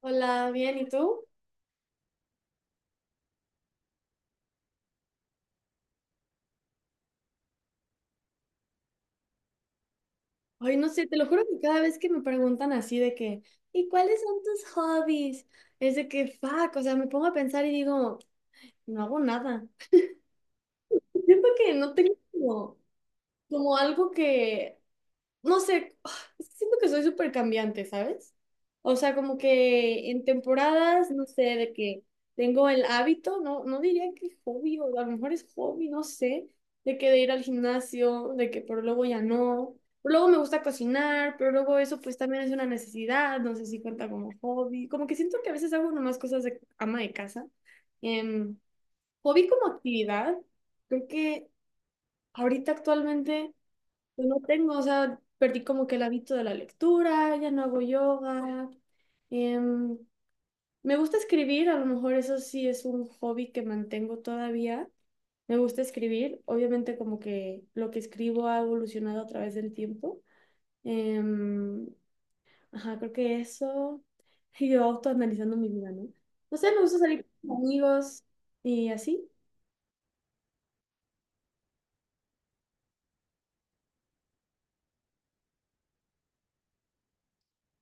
Hola, bien, ¿y tú? Ay, no sé, te lo juro que cada vez que me preguntan así de que, ¿y cuáles son tus hobbies? Es de que, fuck, o sea, me pongo a pensar y digo, no hago nada. Siento que no tengo como, como algo que, no sé, es que siento que soy súper cambiante, ¿sabes? O sea, como que en temporadas, no sé, de que tengo el hábito, no diría que hobby, o a lo mejor es hobby, no sé, de que de ir al gimnasio, de que pero luego ya no. Pero luego me gusta cocinar, pero luego eso pues también es una necesidad, no sé si cuenta como hobby. Como que siento que a veces hago nomás cosas de ama de casa. Em, Hobby como actividad, creo que ahorita actualmente... Yo no tengo, o sea, perdí como que el hábito de la lectura, ya no hago yoga. Em, Me gusta escribir, a lo mejor eso sí es un hobby que mantengo todavía. Me gusta escribir, obviamente como que lo que escribo ha evolucionado a través del tiempo. Em, ajá, creo que eso. Y yo autoanalizando mi vida, ¿no? No sé, me gusta salir con amigos y así.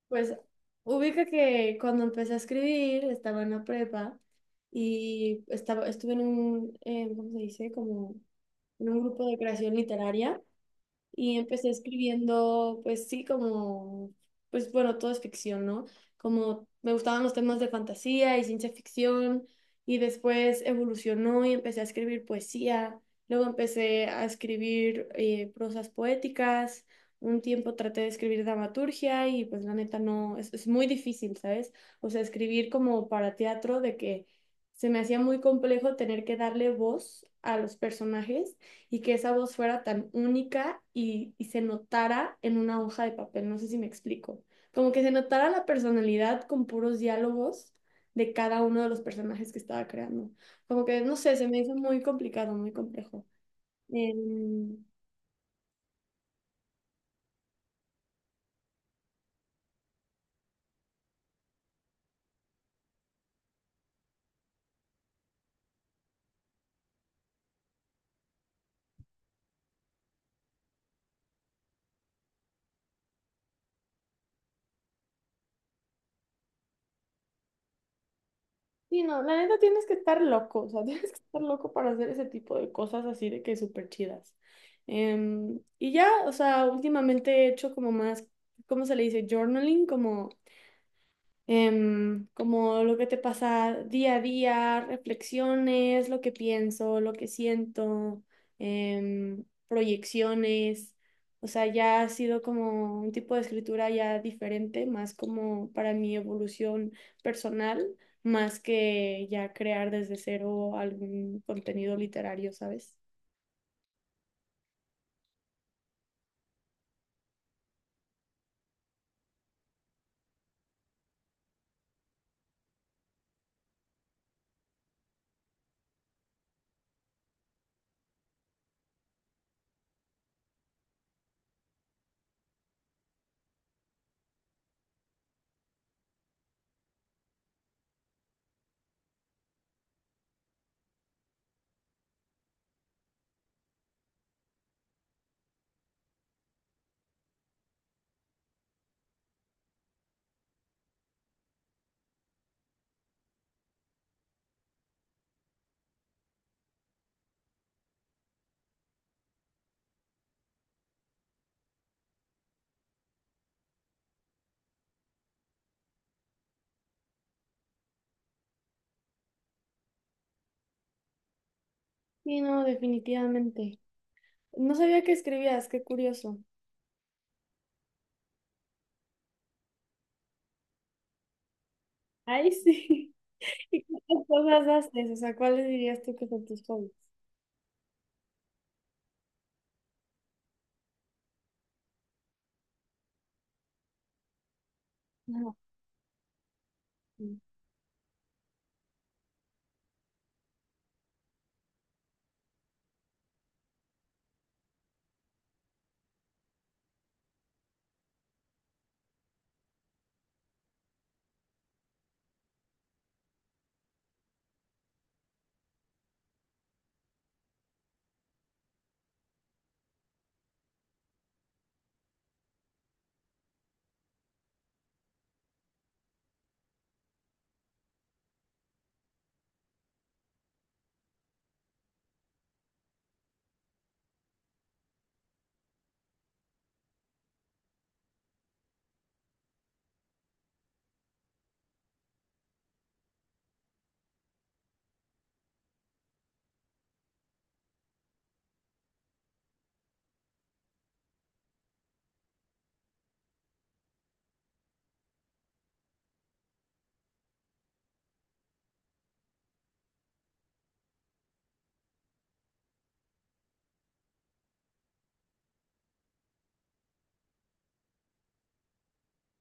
Pues ubica que cuando empecé a escribir estaba en la prepa y estaba, estuve en un, ¿cómo se dice? Como en un grupo de creación literaria y empecé escribiendo, pues sí, como, pues bueno, todo es ficción, ¿no? Como me gustaban los temas de fantasía y ciencia ficción y después evolucionó y empecé a escribir poesía, luego empecé a escribir prosas poéticas, un tiempo traté de escribir dramaturgia y pues la neta no, es muy difícil, ¿sabes? O sea, escribir como para teatro de que... Se me hacía muy complejo tener que darle voz a los personajes y que esa voz fuera tan única y se notara en una hoja de papel. No sé si me explico. Como que se notara la personalidad con puros diálogos de cada uno de los personajes que estaba creando. Como que, no sé, se me hizo muy complicado, muy complejo. Em, sí, no, la neta tienes que estar loco, o sea, tienes que estar loco para hacer ese tipo de cosas así de que súper chidas. Y ya, o sea, últimamente he hecho como más, ¿cómo se le dice? Journaling, como como lo que te pasa día a día, reflexiones, lo que pienso, lo que siento, proyecciones. O sea, ya ha sido como un tipo de escritura ya diferente, más como para mi evolución personal, más que ya crear desde cero algún contenido literario, ¿sabes? Sí, no, definitivamente. No sabía que escribías, qué curioso. Ay, sí. ¿Y cuántas cosas haces? O sea, ¿cuáles dirías tú que son tus hobbies? Ajá.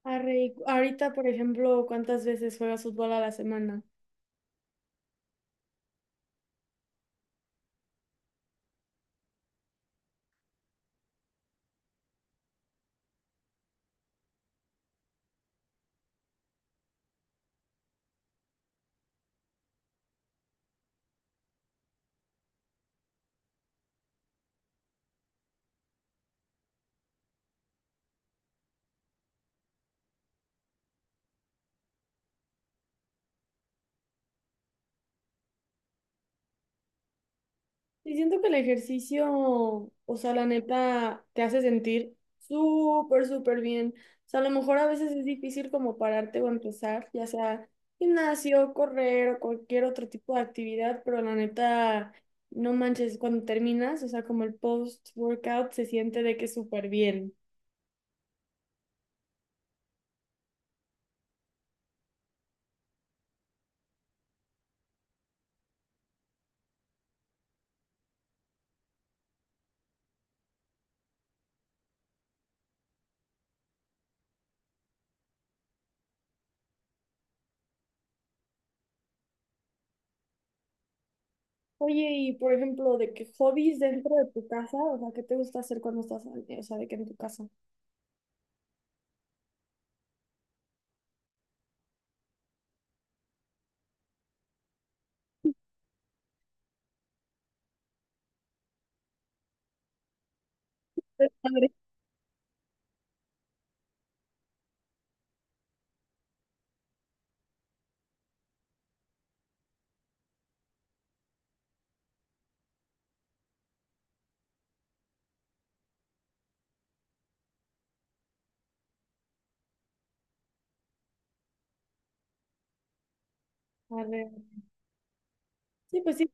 Arre, ahorita, por ejemplo, ¿cuántas veces juegas fútbol a la semana? Y siento que el ejercicio, o sea, la neta, te hace sentir súper, súper bien. O sea, a lo mejor a veces es difícil como pararte o empezar, ya sea gimnasio, correr o cualquier otro tipo de actividad, pero la neta, no manches, cuando terminas, o sea, como el post-workout se siente de que súper bien. Oye, y por ejemplo, de que hobbies dentro de tu casa, o sea, ¿qué te gusta hacer cuando estás, o sea, de que en tu casa? Padre. A ver, sí, pues sí.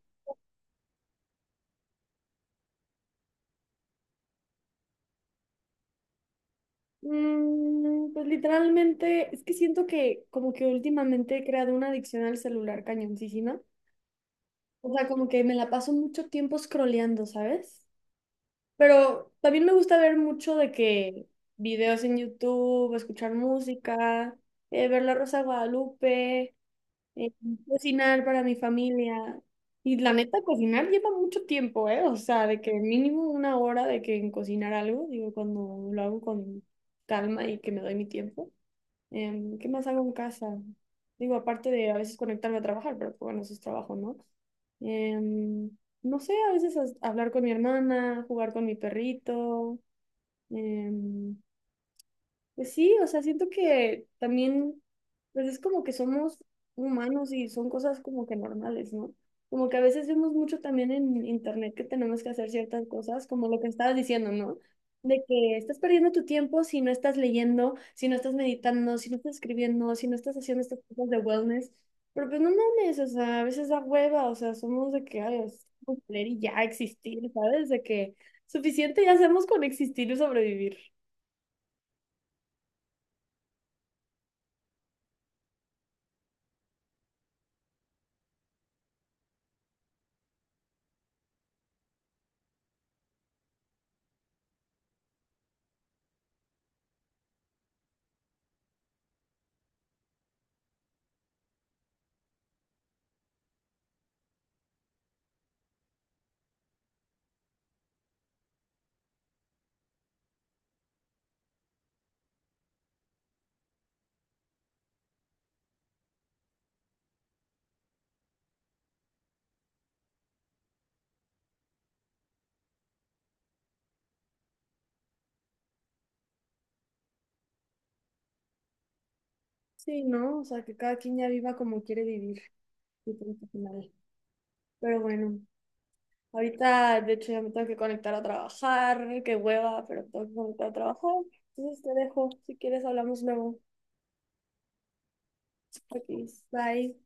Mm, pues literalmente, es que siento que como que últimamente he creado una adicción al celular cañoncísima. O sea, como que me la paso mucho tiempo scrolleando, ¿sabes? Pero también me gusta ver mucho de que videos en YouTube, escuchar música, ver La Rosa de Guadalupe. eh, cocinar para mi familia. Y la neta, cocinar lleva mucho tiempo, ¿eh? O sea, de que mínimo una hora de que en cocinar algo, digo, cuando lo hago con calma y que me doy mi tiempo. ¿Qué más hago en casa? Digo, aparte de a veces conectarme a trabajar, pero pues, bueno, eso es trabajo, ¿no? Em, no sé, a veces hablar con mi hermana, jugar con mi perrito. em, pues sí, o sea, siento que también, pues es como que somos humanos y son cosas como que normales, ¿no? Como que a veces vemos mucho también en internet que tenemos que hacer ciertas cosas, como lo que estabas diciendo, ¿no? De que estás perdiendo tu tiempo si no estás leyendo, si no estás meditando, si no estás escribiendo, si no estás haciendo estas cosas de wellness. Pero pues no mames, o sea, a veces da hueva, o sea, somos de que, ay, es como leer y ya existir, ¿sabes? De que suficiente ya hacemos con existir y sobrevivir. Sí, ¿no? O sea, que cada quien ya viva como quiere vivir y punto final. Pero bueno, ahorita de hecho ya me tengo que conectar a trabajar, qué hueva, pero tengo que conectar a trabajar. Entonces te dejo, si quieres hablamos luego. Aquí, bye.